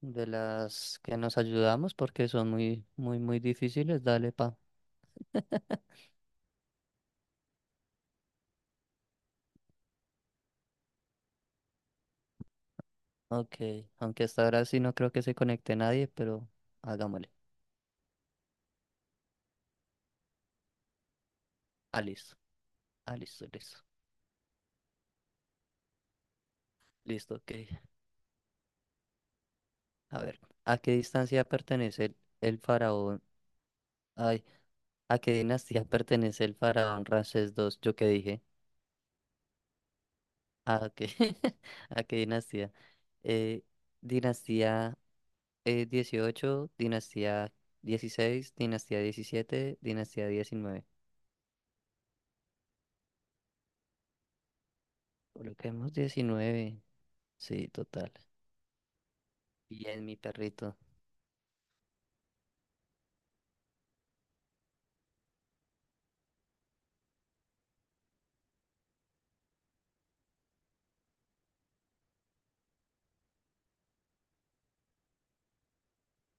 De las que nos ayudamos porque son muy, muy, muy difíciles, dale pa. Ok, aunque hasta ahora sí no creo que se conecte nadie, pero hagámosle. Ah, listo. Ah, listo, listo. Listo, ok. A ver, ¿a qué distancia pertenece el faraón? Ay, ¿a qué dinastía pertenece el faraón Ramsés II? ¿Yo qué dije? Ah, ok. ¿A qué dinastía? Eh, dinastía 18, dinastía dieciséis, dinastía diecisiete, dinastía diecinueve. Coloquemos diecinueve. Sí, total. Bien, mi perrito.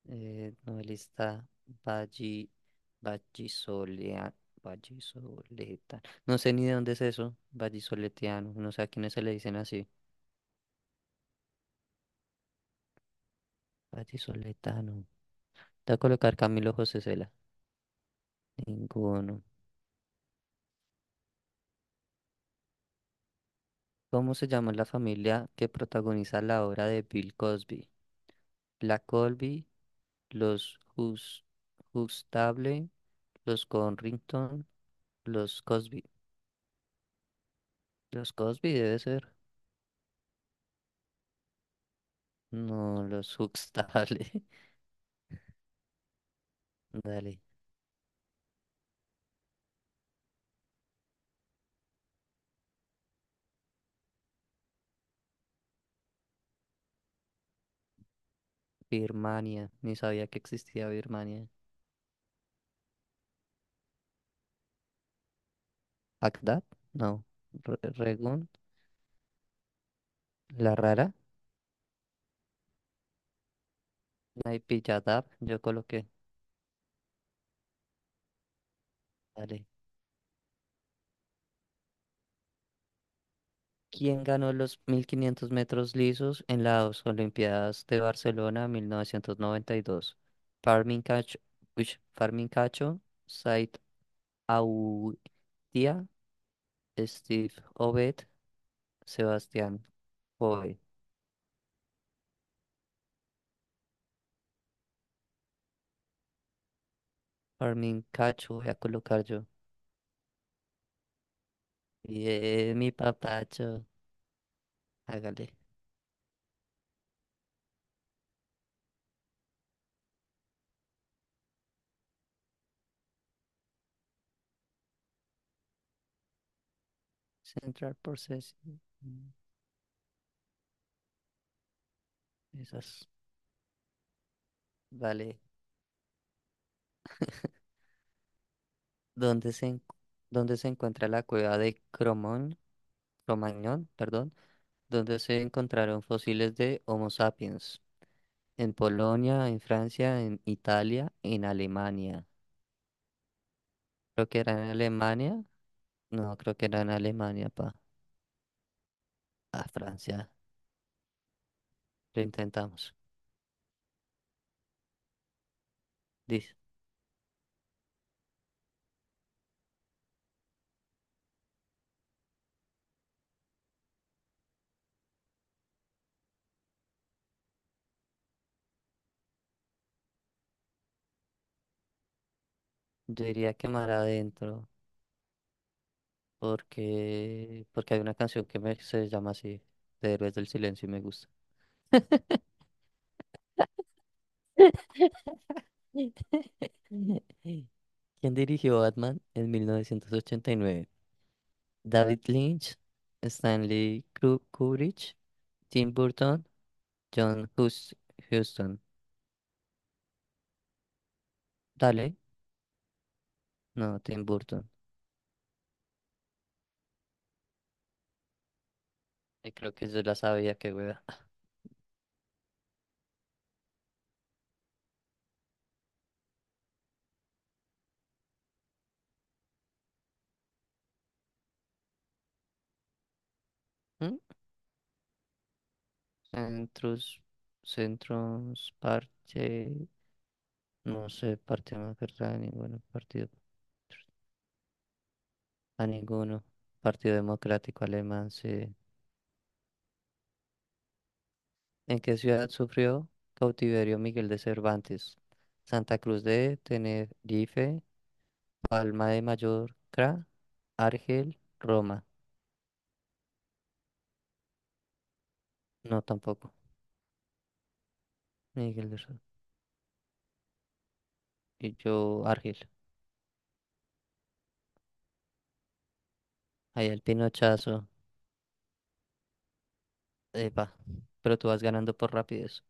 Novelista Valli, Vallisolea- Vallisoletano. No sé ni de dónde es eso. Vallisoletiano. No sé a quiénes se le dicen así. Vallisoletano. Te voy a colocar Camilo José Cela. Ninguno. ¿Cómo se llama la familia que protagoniza la obra de Bill Cosby? La Colby, los Hus- Huxtable, los Corrington, los Cosby. Los Cosby debe ser. No, los Huxtable. Dale. Dale. Birmania. Ni sabía que existía Birmania. Bagdad. No. Regún. La Rara. Naipilladav. Yo coloqué. Dale. ¿Quién ganó los 1500 metros lisos en las Olimpiadas de Barcelona 1992? Farmin Cacho, uish, Farmin Cacho, Said Aoudia, Steve Obed, Sebastián Coe. Farmin Cacho, voy a colocar yo. Bien, mi papacho. Hágale. Central Processing. Esas. Vale. ¿Dónde se, en- ¿Dónde se encuentra la cueva de Cromañón, perdón, donde se encontraron fósiles de Homo sapiens? En Polonia, en Francia, en Italia, en Alemania. Creo que era en Alemania. No, creo que era en Alemania, pa. A Francia. Lo intentamos. Dice. Yo diría que mar adentro. Porque hay una canción que me, se llama así, de Héroes del Silencio y me gusta. ¿Quién dirigió Batman en 1989? David Lynch, Kubrick, Tim Burton, John Hus- Huston. Dale, no, Tim Burton. Creo que yo la sabía, que hueva. ¿Mm? Centros, centros, parche, no sé, parte más verdad, ningún partido. A ninguno. Partido Democrático Alemán, sí. ¿En qué ciudad sufrió cautiverio Miguel de Cervantes? Santa Cruz de Tenerife, Palma de Mallorca, Argel, Roma. No, tampoco. Miguel de Cervantes. Y yo, Argel. Ahí el pinochazo. Epa. Pero tú vas ganando por rapidez.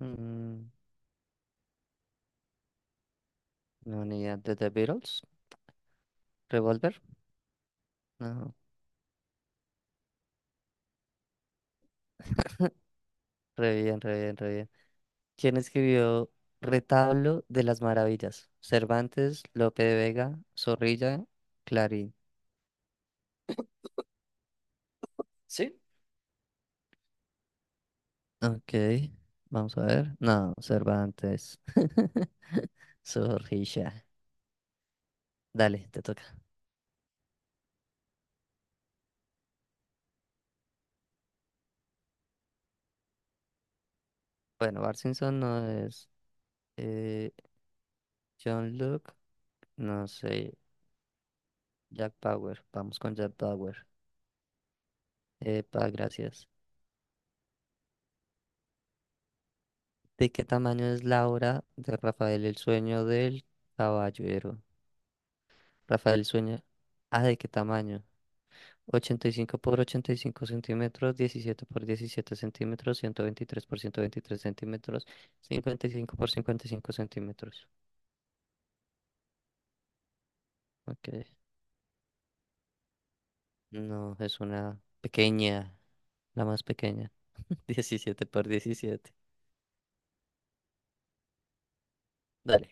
Mm, no, ni idea. ¿De The Beatles? ¿Revolver? No. Re bien, re bien, re bien. ¿Quién escribió Retablo de las Maravillas? Cervantes, Lope de Vega, Zorrilla, Clarín. ¿Sí? Ok, vamos a ver. No, Cervantes. Zorrilla. Dale, te toca. Bueno, Bart Simpson no es. eh, John Luke, no sé. Jack Bauer. Vamos con Jack Bauer. Epa, gracias. ¿De qué tamaño es la obra de Rafael el sueño del caballero? Rafael el sueño. Ah, ¿de qué tamaño? Ochenta y cinco por 85 centímetros, 17 por 17 centímetros, 123 por 123 centímetros, 55 por 55 centímetros. Ok, no, es una pequeña, la más pequeña. Diecisiete por diecisiete. Dale.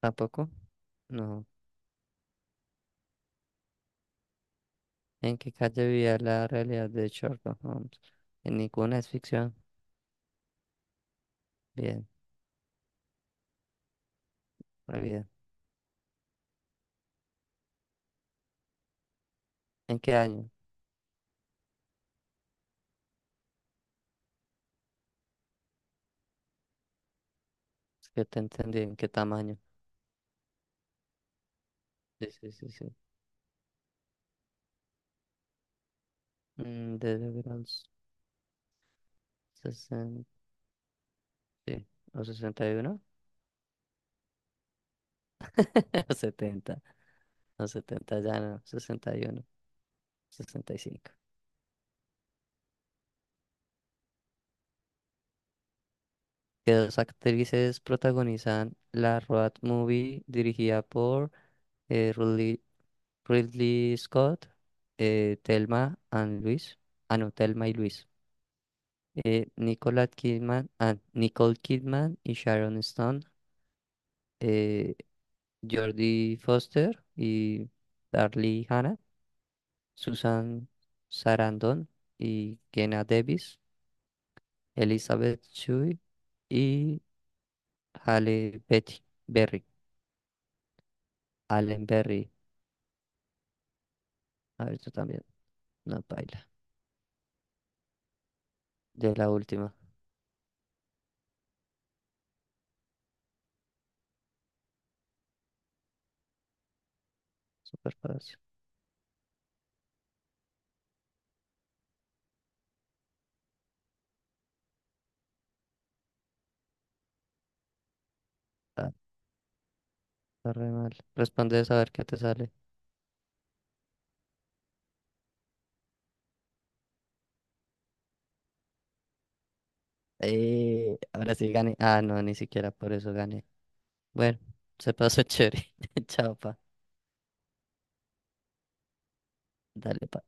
¿Tampoco? No. ¿En qué calle vivía la realidad de Sherlock Holmes? En ninguna, es ficción. Bien, muy bien. ¿En qué año? Es que te entendí, ¿en qué tamaño? Sí, sí, sí, sí. Desde los sesenta. Sí, o sesenta y uno. O setenta. O 70 ya no, sesenta, sesenta y uno, sesenta y cinco. Que dos actrices protagonizan la road movie dirigida por eh, Ridley, Ridley Scott. Thelma and Luis, ah no, Thelma y Luis. Nicole Kidman y Sharon Stone. eh, Jodie Foster y Darlie Hannah. Susan Sarandon y Kenna Davis, Elizabeth Shue y Halle Betty Berry, Allen Berry. A ver, tú también, no baila. De la última, super fácil. Ah, está re mal. Responde a ver qué te sale. Ahora sí gané. Ah, no, ni siquiera por eso gané. Bueno, se pasó chévere. Chao, pa. Dale, pa.